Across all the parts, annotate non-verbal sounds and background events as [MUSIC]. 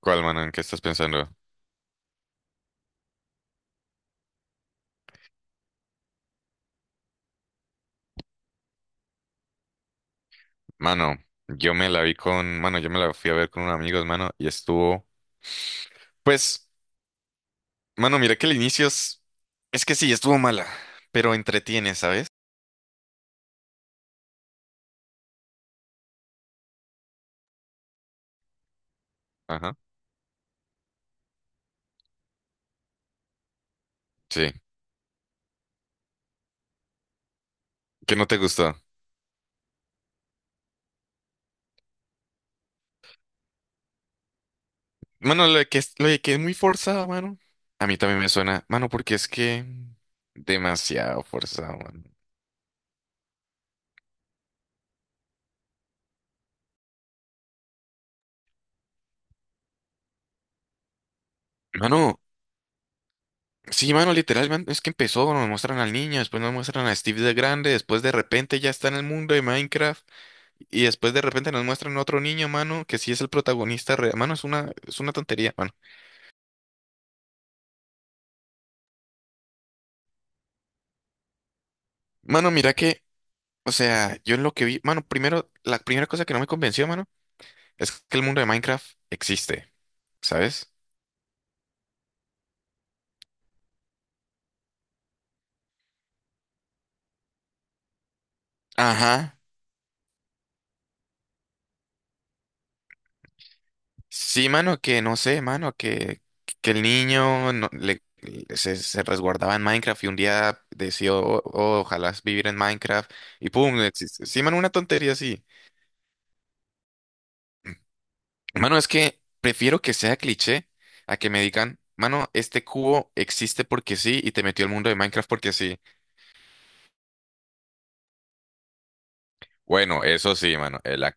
¿Cuál, mano? ¿En qué estás pensando? Mano, yo me la fui a ver con unos amigos, mano, y estuvo, pues, mano, mira que el inicio es que sí, estuvo mala, pero entretiene, ¿sabes? Ajá. Sí, que no te gustó. Mano, lo de que es muy forzada, mano. A mí también me suena, mano, porque es que demasiado forzado, mano. Mano, sí, mano, literalmente es que empezó, nos muestran al niño, después nos muestran a Steve de grande, después de repente ya está en el mundo de Minecraft. Y después de repente nos muestran otro niño, mano, que sí es el protagonista real. Mano, es una tontería, mano. Mano, mira que, o sea, yo en lo que vi, mano, primero, la primera cosa que no me convenció, mano, es que el mundo de Minecraft existe, ¿sabes? Ajá. Sí, mano, que no sé, mano, que el niño se resguardaba en Minecraft y un día decidió, "Oh, ojalá vivir en Minecraft y pum, existe". Sí, mano, una tontería así. Mano, es que prefiero que sea cliché a que me digan, mano, este cubo existe porque sí y te metió al mundo de Minecraft porque sí. Bueno, eso sí, mano.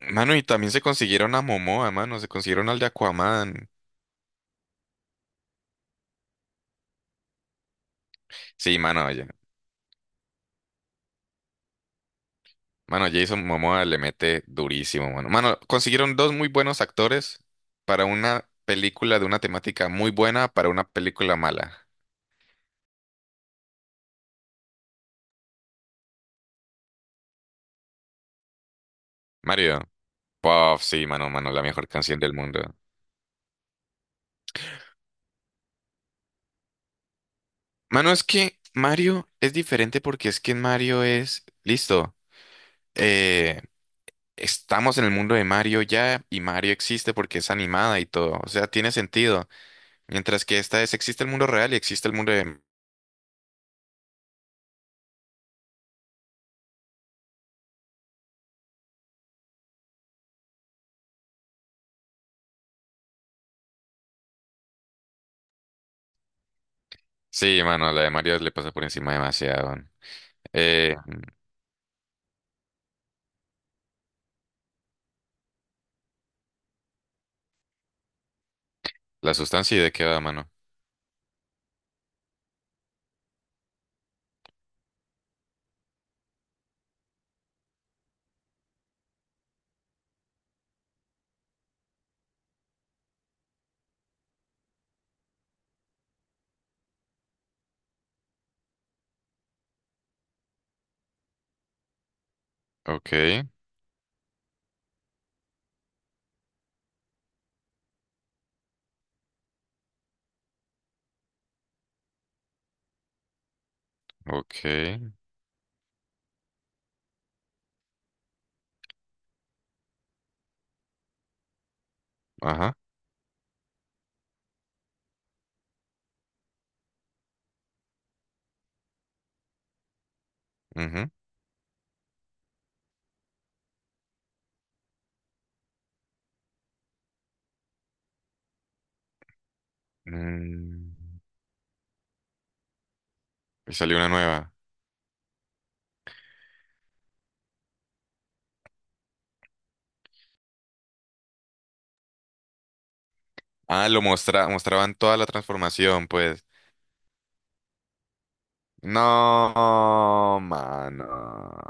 Mano, y también se consiguieron a Momoa, mano, se consiguieron al de Aquaman. Sí, mano, oye. Mano, Jason Momoa le mete durísimo, mano. Mano, consiguieron dos muy buenos actores para una película de una temática muy buena para una película mala. Mario. Puff, sí, mano, mano, la mejor canción del mundo. Mano, es que Mario es diferente porque es que en Mario es, listo, eh, estamos en el mundo de Mario ya y Mario existe porque es animada y todo, o sea, tiene sentido. Mientras que existe el mundo real y existe el mundo de... Sí, mano, la de Mario le pasa por encima demasiado. Man. Eh, la sustancia y de qué va, mano. Ok, ok, ajá. Ujú. Mm, y salió una nueva. Ah, lo mostraban toda la transformación, pues. No, mano.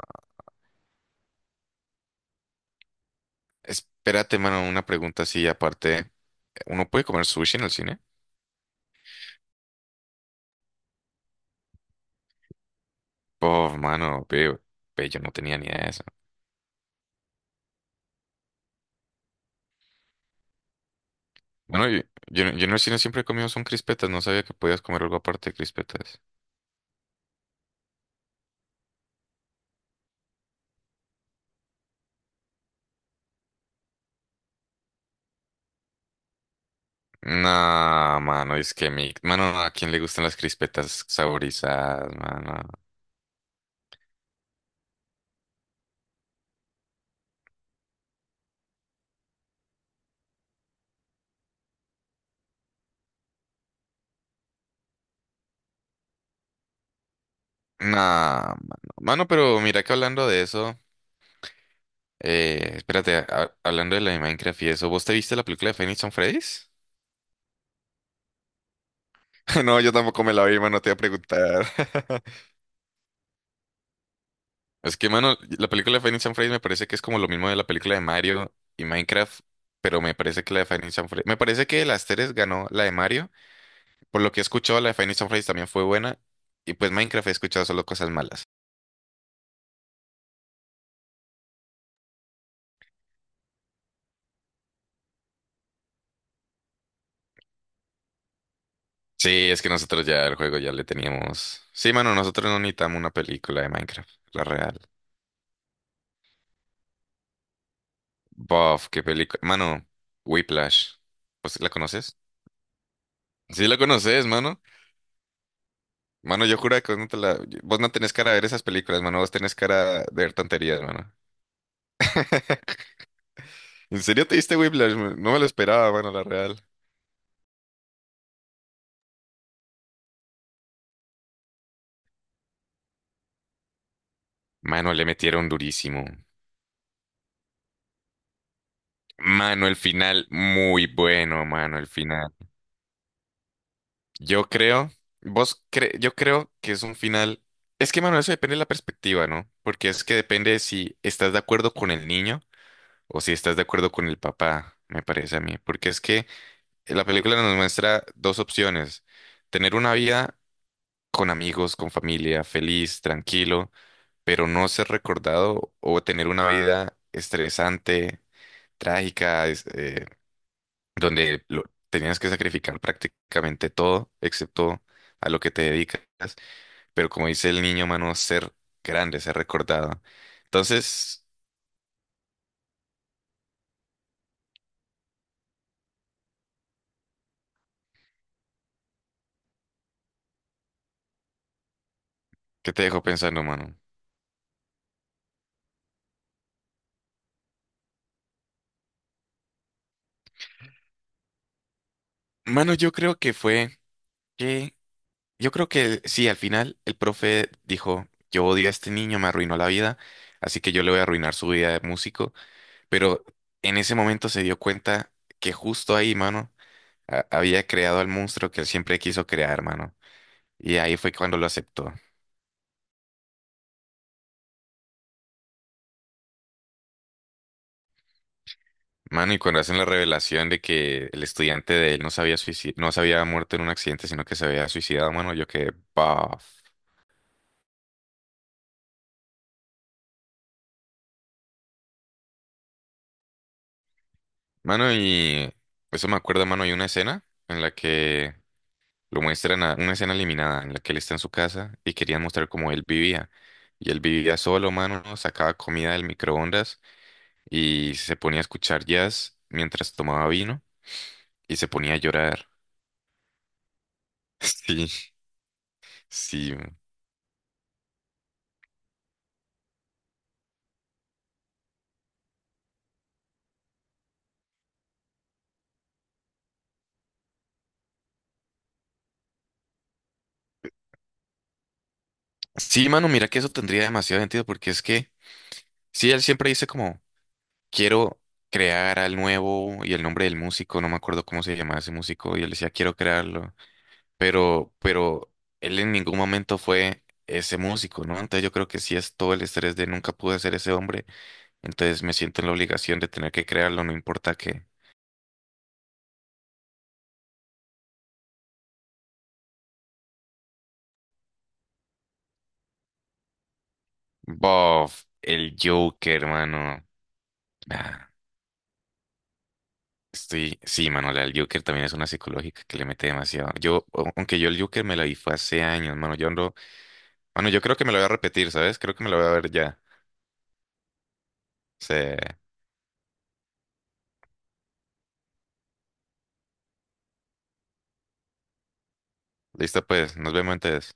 Espérate, mano, una pregunta así aparte. ¿Uno puede comer sushi en el cine? Oh, mano, veo. Ve, yo no tenía ni idea de eso. Bueno, yo en el cine siempre he comido son crispetas. No sabía que podías comer algo aparte de crispetas. No, mano, es que mi... Mano, ¿a quién le gustan las crispetas saborizadas, mano? No, mano. Mano, pero mira que hablando de eso... Espérate, hablando de la de Minecraft y eso, ¿vos te viste la película de Phoenix on Freddy's? [LAUGHS] No, yo tampoco me la vi, mano, te iba a preguntar. [LAUGHS] Es que, mano, la película de Five and Freddy's me parece que es como lo mismo de la película de Mario y Minecraft, pero me parece que la de Five and Freddy's... Me parece que de las tres ganó la de Mario. Por lo que he escuchado, la de Five and Freddy's también fue buena. Y pues Minecraft he escuchado solo cosas malas. Sí, es que nosotros ya el juego ya le teníamos... Sí, mano, nosotros no necesitamos una película de Minecraft, la real. Buff, qué película... Mano, Whiplash. Pues, ¿la conoces? Sí, la conoces, mano. Mano, yo juro que vos no, te la... vos no tenés cara de ver esas películas, mano. Vos tenés cara de ver tonterías, mano. [LAUGHS] ¿En serio te diste Whiplash? No, me lo esperaba, mano, la real. Mano, le metieron durísimo. Mano, el final, muy bueno, mano, el final. Yo creo, yo creo que es un final. Es que, mano, eso depende de la perspectiva, ¿no? Porque es que depende si estás de acuerdo con el niño o si estás de acuerdo con el papá, me parece a mí. Porque es que la película nos muestra dos opciones. Tener una vida con amigos, con familia, feliz, tranquilo, pero no ser recordado, o tener una vida estresante, trágica, donde tenías que sacrificar prácticamente todo, excepto a lo que te dedicas, pero como dice el niño, mano, ser grande, ser recordado. Entonces, ¿qué te dejó pensando, mano? Mano, que, yo creo que sí, al final el profe dijo, yo odio a este niño, me arruinó la vida, así que yo le voy a arruinar su vida de músico. Pero en ese momento se dio cuenta que justo ahí, mano, había creado al monstruo que él siempre quiso crear, mano. Y ahí fue cuando lo aceptó. Mano, y cuando hacen la revelación de que el estudiante de él no sabía había no se había muerto en un accidente, sino que se había suicidado, mano, yo quedé, "Paf". Mano, y eso me acuerda, mano, hay una escena en la que lo muestran, una escena eliminada, en la que él está en su casa y querían mostrar cómo él vivía. Y él vivía solo, mano, sacaba comida del microondas y se ponía a escuchar jazz mientras tomaba vino y se ponía a llorar. [LAUGHS] Sí, sí. Sí, mano, mira que eso tendría demasiado sentido porque es que, sí, él siempre dice como, quiero crear al nuevo y el nombre del músico, no me acuerdo cómo se llamaba ese músico, y él decía, quiero crearlo, pero él en ningún momento fue ese músico, ¿no? Entonces yo creo que sí es todo el estrés de nunca pude ser ese hombre, entonces me siento en la obligación de tener que crearlo, no importa qué. Bof, el Joker, mano. Ah, estoy, sí, Manuel, el Joker también es una psicológica que le mete demasiado. Aunque yo el Joker me la vi fue hace años, mano, yo ando, mano, yo creo que me la voy a repetir, ¿sabes? Creo que me la voy a ver ya. Se, Listo pues, nos vemos entonces.